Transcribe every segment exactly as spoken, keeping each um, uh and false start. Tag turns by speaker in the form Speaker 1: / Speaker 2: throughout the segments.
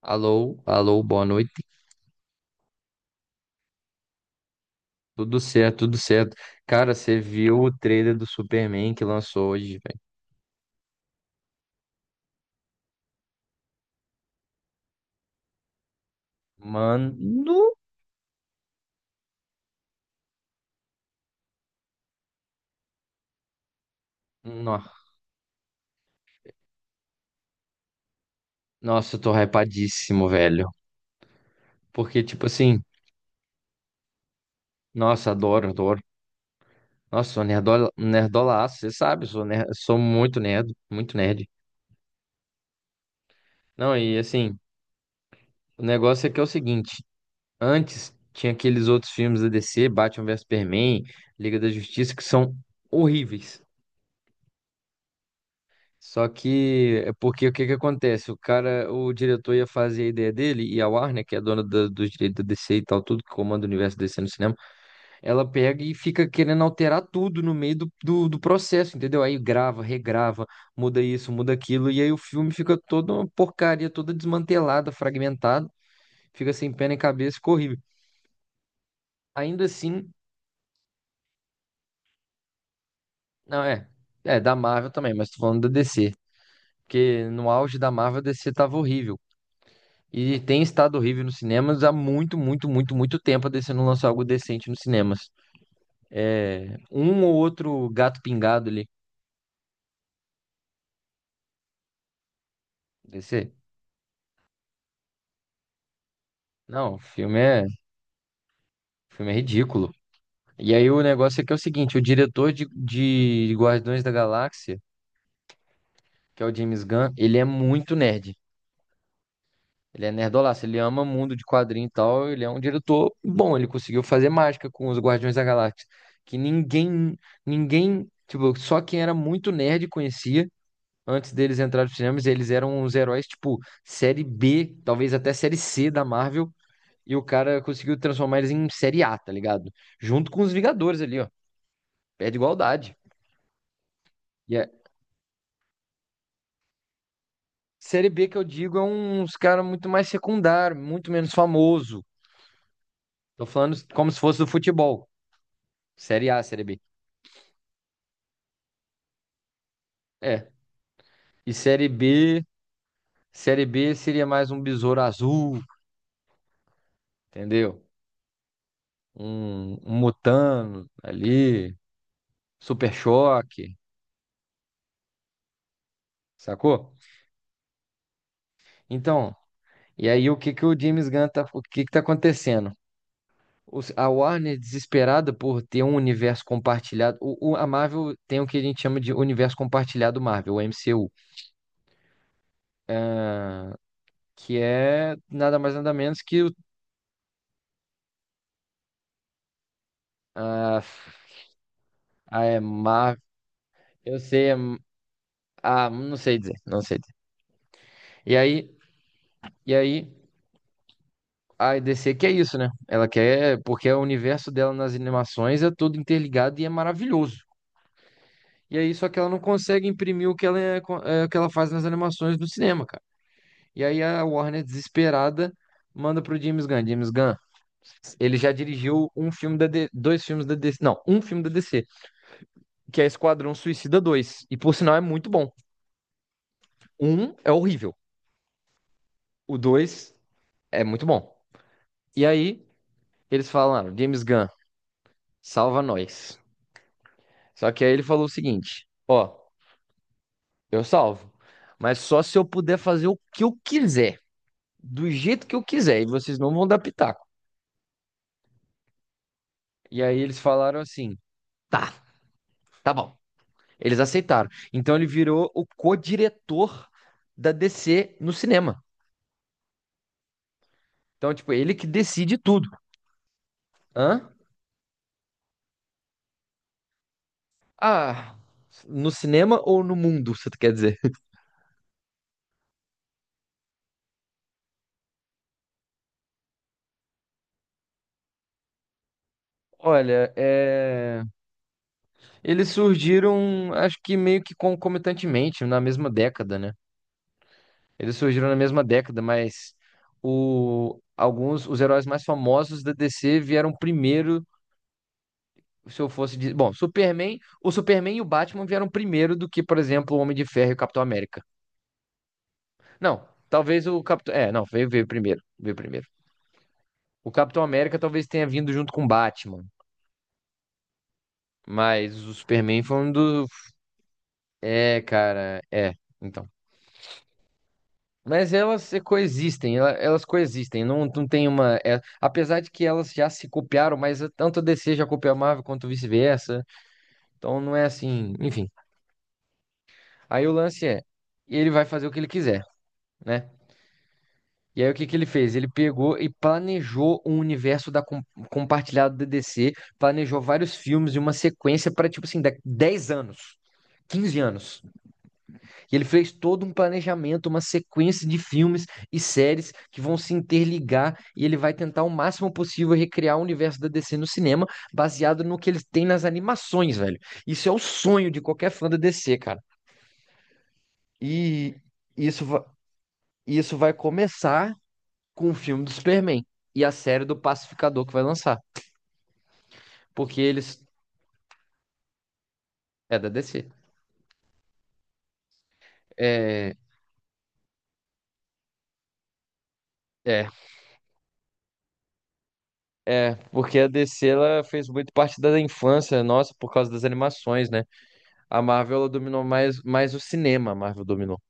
Speaker 1: Alô, alô, boa noite. Tudo certo, tudo certo. Cara, você viu o trailer do Superman que lançou hoje, velho? Mano, no- nossa, eu tô hypadíssimo, velho. Porque, tipo assim, nossa, adoro, adoro. Nossa, sou nerdola, nerdolaço, você sabe, sou, ner, sou muito nerd, muito nerd. Não, e assim, o negócio é que é o seguinte: antes tinha aqueles outros filmes da D C, Batman vs Superman, Liga da Justiça, que são horríveis. Só que é porque o que que acontece? O cara, o diretor ia fazer a ideia dele e a Warner, que é a dona da- dos direitos da D C e tal, tudo que comanda o universo D C no cinema, ela pega e fica querendo alterar tudo no meio do, do, do processo, entendeu? Aí grava, regrava, muda isso, muda aquilo, e aí o filme fica toda uma porcaria, toda desmantelada, fragmentada, fica sem pé nem cabeça, ficou horrível. Ainda assim, não é, é da Marvel também, mas tô falando da D C, porque no auge da Marvel a D C tava horrível. E tem estado horrível nos cinemas há muito, muito, muito, muito tempo. A D C não lançou algo decente nos cinemas. É, um ou outro gato pingado ali. D C. Não, o filme é, o filme é ridículo. E aí o negócio é que é o seguinte: o diretor de, de Guardiões da Galáxia, que é o James Gunn, ele é muito nerd. Ele é nerdolaço, ele ama mundo de quadrinho e tal. Ele é um diretor bom, ele conseguiu fazer mágica com os Guardiões da Galáxia. Que ninguém, ninguém, tipo, só quem era muito nerd conhecia. Antes deles entrarem nos cinemas, eles eram uns heróis tipo série B, talvez até série C da Marvel, e o cara conseguiu transformar eles em série A, tá ligado? Junto com os Vingadores ali, ó. Pé de igualdade. E a série B que eu digo é uns cara muito mais secundário, muito menos famoso. Tô falando como se fosse do futebol. Série A, série B. É. E série B, série B seria mais um besouro azul, entendeu? Um, um Mutano ali, Super Choque, sacou? Então, e aí, o que que o James Gunn tá, o que que tá acontecendo? Os- A Warner, desesperada por ter um universo compartilhado, o, o- a Marvel tem o que a gente chama de universo compartilhado Marvel, o M C U, que é nada mais nada menos que o, a, a é Marvel, eu sei, é, ah, não sei dizer, não sei dizer. E aí, e aí, a D C quer isso, né? Ela quer, porque o universo dela nas animações é todo interligado e é maravilhoso. E aí, só que ela não consegue imprimir o que ela, é, co- é, o que ela faz nas animações do cinema, cara. E aí a Warner, desesperada, manda pro James Gunn. James Gunn, ele já dirigiu um filme da D- dois filmes da D C, não, um filme da D C, que é Esquadrão Suicida dois, e por sinal é muito bom. Um é horrível, o dois é muito bom. E aí eles falaram, James Gunn, salva nós. Só que aí ele falou o seguinte, ó, eu salvo, mas só se eu puder fazer o que eu quiser, do jeito que eu quiser, e vocês não vão dar pitaco. E aí eles falaram assim, tá, tá bom. Eles aceitaram. Então ele virou o co-diretor da D C no cinema. Então, tipo, ele que decide tudo. Hã? Ah, no cinema ou no mundo, você quer dizer? Olha, é... eles surgiram, acho que meio que concomitantemente, na mesma década, né? Eles surgiram na mesma década, mas o... alguns, os heróis mais famosos da D C vieram primeiro, se eu fosse dizer... Bom, Superman, o Superman e o Batman vieram primeiro do que, por exemplo, o Homem de Ferro e o Capitão América. Não, talvez o Capitão. É, não, veio, veio primeiro. Veio primeiro. O Capitão América talvez tenha vindo junto com o Batman. Mas o Superman foi um do. É, cara, é. Então. Mas elas se coexistem, ela- elas coexistem, não, não tem uma. É, apesar de que elas já se copiaram, mas tanto a D C já copiou a Marvel quanto vice-versa. Então não é assim, enfim. Aí o lance é, ele vai fazer o que ele quiser, né? E aí, o que que ele fez? Ele pegou e planejou um universo da com- compartilhado da D C, planejou vários filmes e uma sequência para, tipo assim, da- dez anos, quinze anos. E ele fez todo um planejamento, uma sequência de filmes e séries que vão se interligar e ele vai tentar o máximo possível recriar o universo da D C no cinema, baseado no que eles têm nas animações, velho. Isso é o sonho de qualquer fã da D C, cara. E isso, va- isso vai começar com o filme do Superman e a série do Pacificador que vai lançar. Porque eles. É da D C. É. É, é, porque a D C ela fez muito parte da infância nossa por causa das animações, né? A Marvel ela dominou mais, mais, o cinema, a Marvel dominou.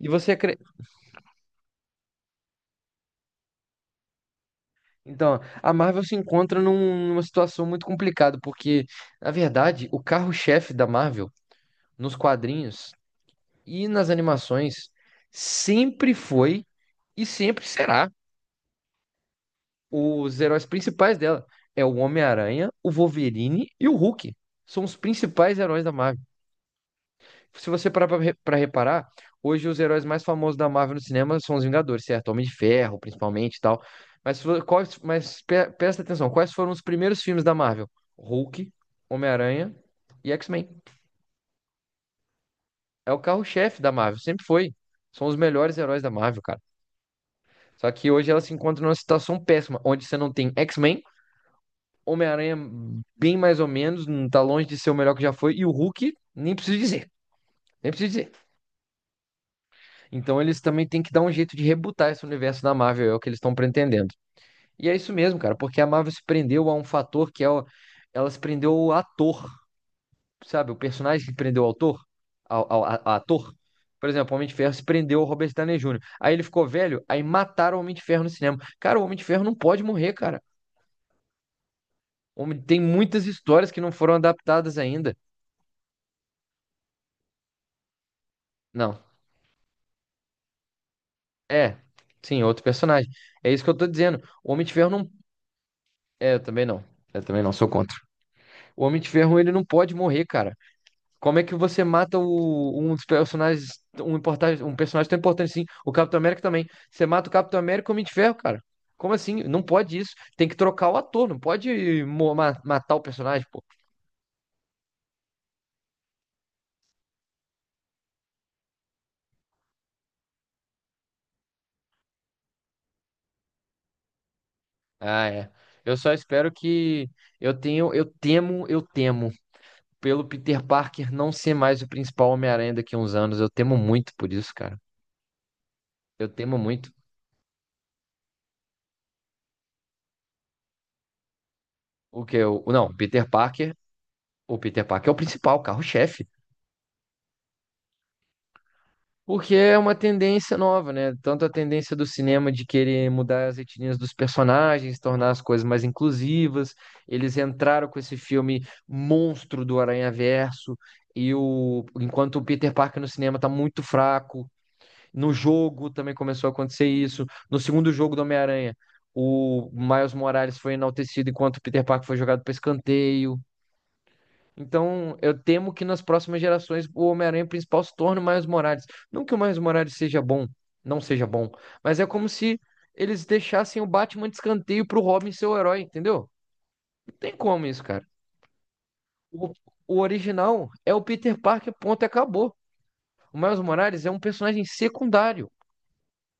Speaker 1: E você acre- Então, a Marvel se encontra num- numa situação muito complicada, porque, na verdade, o carro-chefe da Marvel nos quadrinhos e nas animações sempre foi e sempre será os heróis principais dela. É o Homem-Aranha, o Wolverine e o Hulk. São os principais heróis da Marvel. Se você parar pra re- pra reparar, hoje os heróis mais famosos da Marvel no cinema são os Vingadores, certo? Homem de Ferro, principalmente e tal. Mas, se vo- quais, mas pe- presta atenção, quais foram os primeiros filmes da Marvel? Hulk, Homem-Aranha e X-Men. É o carro-chefe da Marvel, sempre foi. São os melhores heróis da Marvel, cara. Só que hoje ela se encontra numa situação péssima, onde você não tem X-Men, Homem-Aranha, bem mais ou menos, não tá longe de ser o melhor que já foi. E o Hulk, nem preciso dizer, nem preciso dizer. Então eles também têm que dar um jeito de rebutar esse universo da Marvel, é o que eles estão pretendendo. E é isso mesmo, cara, porque a Marvel se prendeu a um fator que é o... ela se prendeu ao ator, sabe? O personagem que prendeu o autor, ao, ao- a- a ator. Por exemplo, o Homem de Ferro se prendeu ao Robert Downey júnior Aí ele ficou velho, aí mataram o Homem de Ferro no cinema. Cara, o Homem de Ferro não pode morrer, cara. Homem- Tem muitas histórias que não foram adaptadas ainda. Não, é, sim, outro personagem. É isso que eu tô dizendo. O Homem de Ferro não. É, eu também não. É, eu também não, sou contra. O Homem de Ferro, ele não pode morrer, cara. Como é que você mata o- um dos personagens, um, importar- um personagem tão importante assim? O Capitão América também. Você mata o Capitão América e o Homem de Ferro, cara. Como assim? Não pode isso. Tem que trocar o ator, não pode mo- ma- matar o personagem, pô. Ah, é. Eu só espero que. Eu tenho. Eu temo, eu temo. Pelo Peter Parker não ser mais o principal Homem-Aranha daqui a uns anos. Eu temo muito por isso, cara. Eu temo muito. O que eu. Não, Peter Parker. O Peter Parker é o principal, carro-chefe. Porque é uma tendência nova, né? Tanto a tendência do cinema de querer mudar as etnias dos personagens, tornar as coisas mais inclusivas. Eles entraram com esse filme monstro do Aranha Verso. E o... enquanto o Peter Parker no cinema tá muito fraco, no jogo também começou a acontecer isso. No segundo jogo do Homem-Aranha, o Miles Morales foi enaltecido enquanto o Peter Parker foi jogado para escanteio. Então, eu temo que nas próximas gerações o Homem-Aranha principal se torne o Miles Morales. Não que o Miles Morales seja bom, não seja bom, mas é como se eles deixassem o Batman de escanteio pro Robin ser o herói, entendeu? Não tem como isso, cara. O, o original é o Peter Parker, ponto, e acabou. O Miles Morales é um personagem secundário.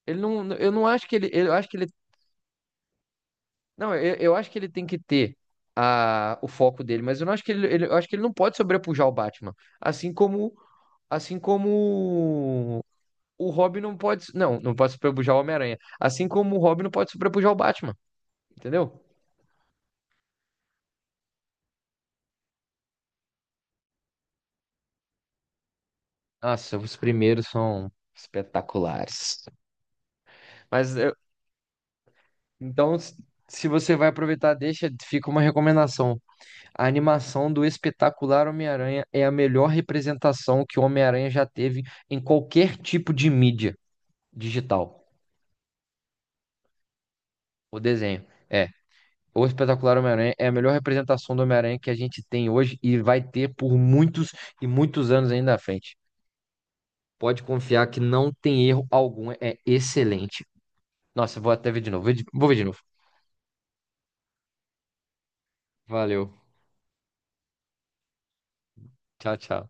Speaker 1: Ele não, eu não acho que ele, eu acho que ele. Não, eu, eu acho que ele tem que ter a, o foco dele, mas eu não acho que ele, ele- eu acho que ele não pode sobrepujar o Batman. Assim como, assim como o Robin não pode, não, não pode sobrepujar o Homem-Aranha. Assim como o Robin não pode sobrepujar o Batman, entendeu? Nossa, os primeiros são espetaculares. Mas eu- então, s- se você vai aproveitar, deixa, fica uma recomendação. A animação do espetacular Homem-Aranha é a melhor representação que o Homem-Aranha já teve em qualquer tipo de mídia. Digital, o desenho. É, o Espetacular Homem-Aranha é a melhor representação do Homem-Aranha que a gente tem hoje e vai ter por muitos e muitos anos ainda à frente. Pode confiar que não tem erro algum, é excelente. Nossa, eu vou até ver de novo. Vou de- vou ver de novo. Valeu. Tchau, tchau.